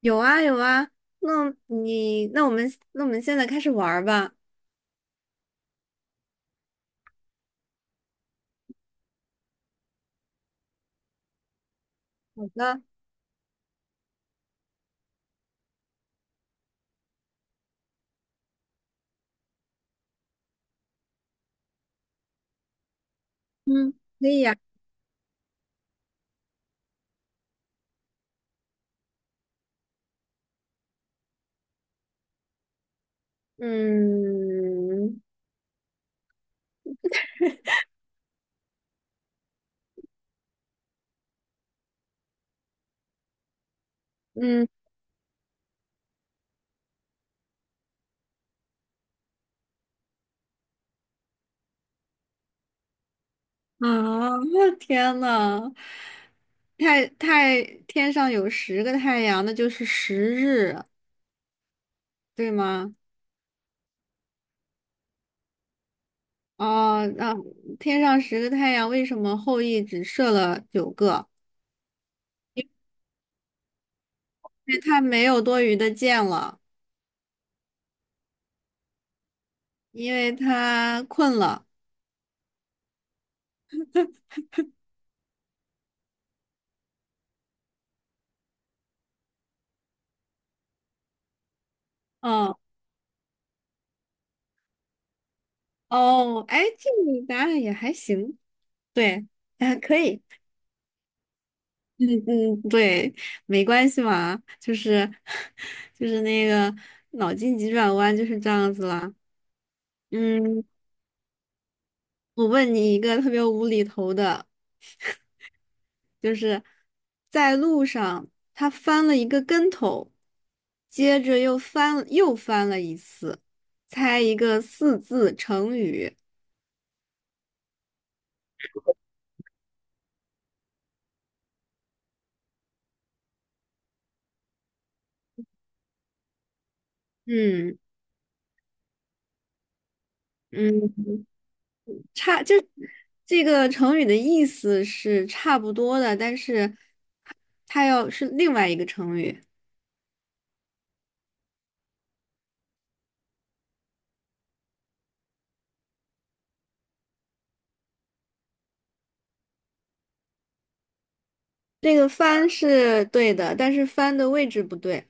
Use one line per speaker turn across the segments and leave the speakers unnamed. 有啊有啊，那我们现在开始玩儿吧。好的，嗯，可以呀、嗯嗯啊，我天呐，天上有十个太阳，那就是十日，对吗？哦，那、天上十个太阳，为什么后羿只射了九个？因为他没有多余的箭了，因为他困了。嗯，哦，哎，这个答案也还行。对 啊，可以，嗯嗯，对，没关系嘛，就是 就是那个脑筋急转弯就是这样子啦。嗯，我问你一个特别无厘头的，就是在路上他翻了一个跟头，接着又翻了一次，猜一个四字成语。嗯嗯，就这个成语的意思是差不多的，但是。它要是另外一个成语。这个翻是对的，但是翻的位置不对。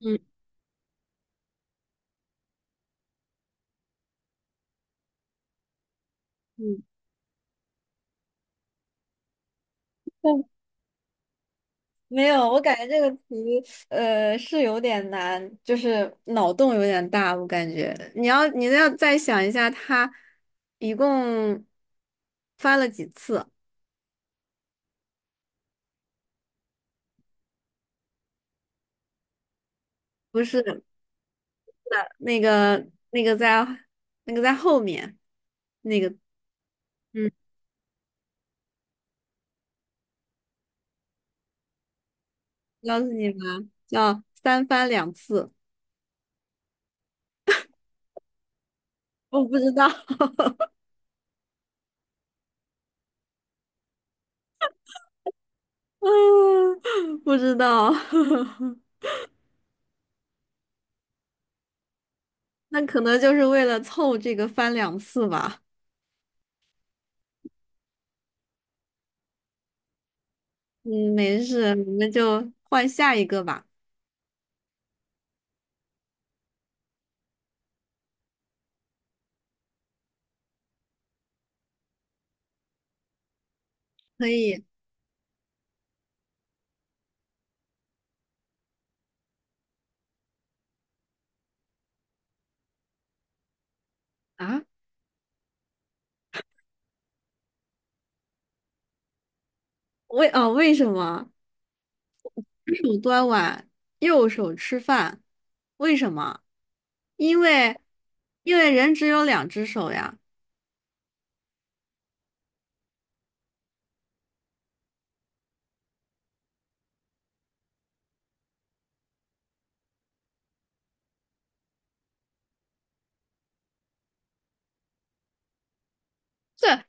嗯嗯，但没有，我感觉这个题是有点难，就是脑洞有点大，我感觉。你要再想一下，它一共翻了几次？不是，那个在后面那个，嗯，告诉你吧，叫三翻两次。我不知道，嗯，不知道，那可能就是为了凑这个翻两次吧。嗯，没事，我们就换下一个吧。可以啊？为什么左手端碗，右手吃饭？为什么？因为因为人只有两只手呀。这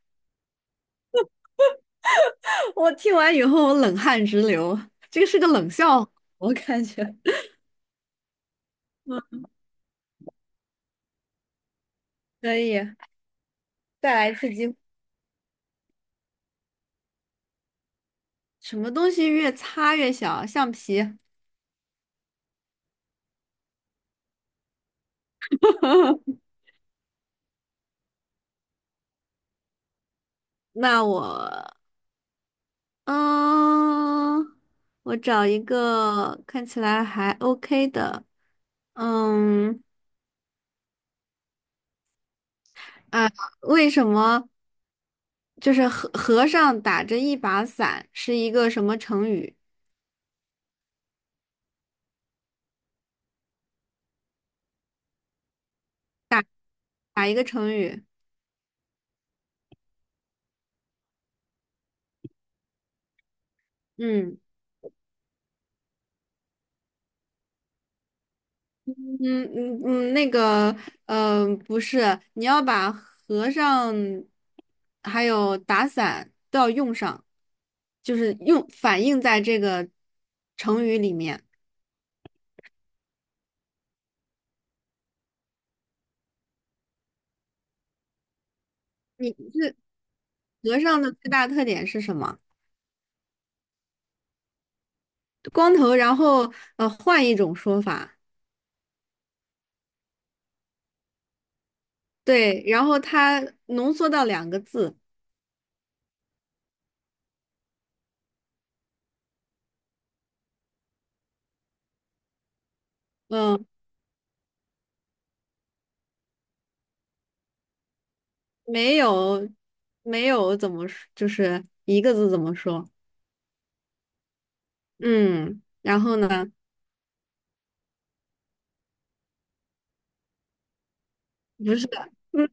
我听完以后，我冷汗直流。这个是个冷笑话，我感觉。嗯，可以，再来一次机会。什么东西越擦越小？橡皮。那我，嗯，我找一个看起来还 OK 的，嗯，啊，为什么就是和尚打着一把伞是一个什么成语？打一个成语。嗯嗯嗯嗯，那个，不是，你要把和尚还有打伞都要用上，就是用反映在这个成语里面。你和尚的最大特点是什么？光头，然后换一种说法，对，然后他浓缩到两个字，嗯，没有，没有怎么说，就是一个字怎么说？嗯，然后呢？不是，嗯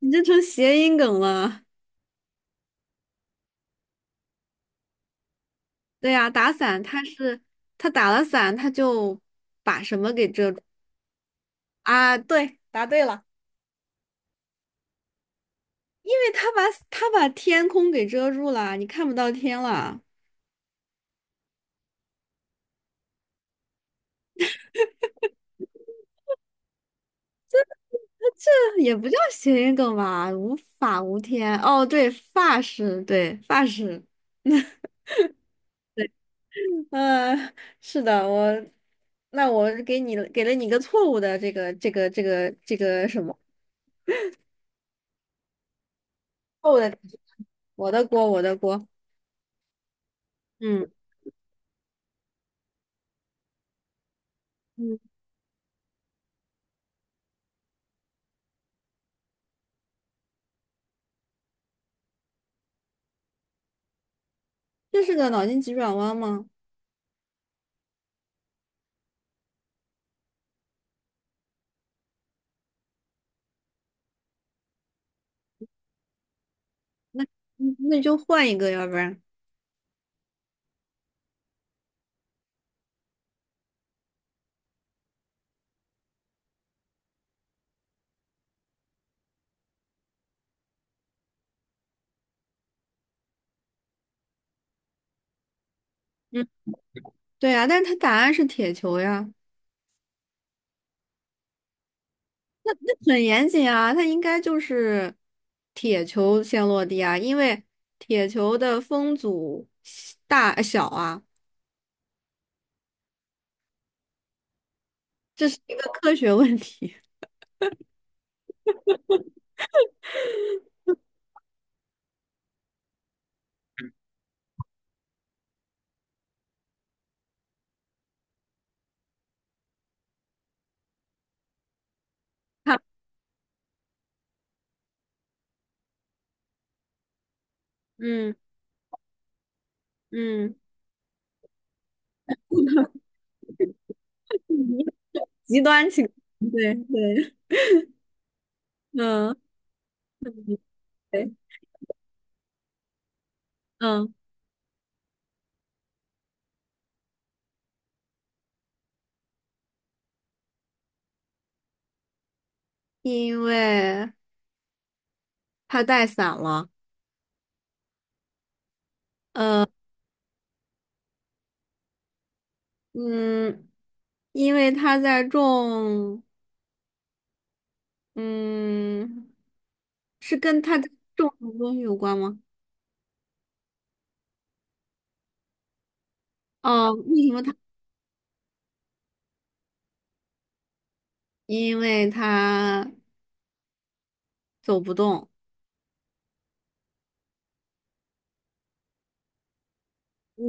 你这成谐音梗了。对呀、打伞，他打了伞，他就把什么给遮住啊？对，答对了，因为他把天空给遮住了，你看不到天了。这也不叫谐音梗吧？无法无天。哦，对，发饰，对，发饰。嗯，是的，那我给了你一个错误的这个什么？错误的，我的锅，我的锅。嗯嗯，这是个脑筋急转弯吗？嗯，那就换一个，要不然。嗯，对呀，但是它答案是铁球呀。很严谨啊，它应该就是铁球先落地啊，因为铁球的风阻小啊，这是一个科学问题。它嗯嗯，极端情况，对对，嗯对，嗯，因为它带伞了，嗯，因为它在种，嗯，是跟它在种什么东西有关吗？哦，为什么它？因为它走不动。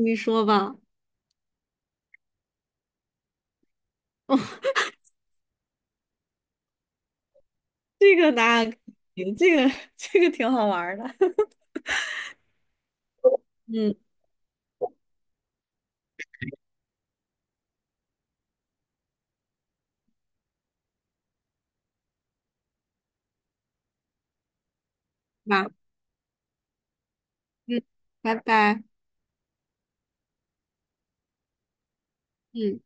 你说吧，哦，这个答案可以，这个 这个挺好玩儿的。嗯，那嗯，拜拜，嗯。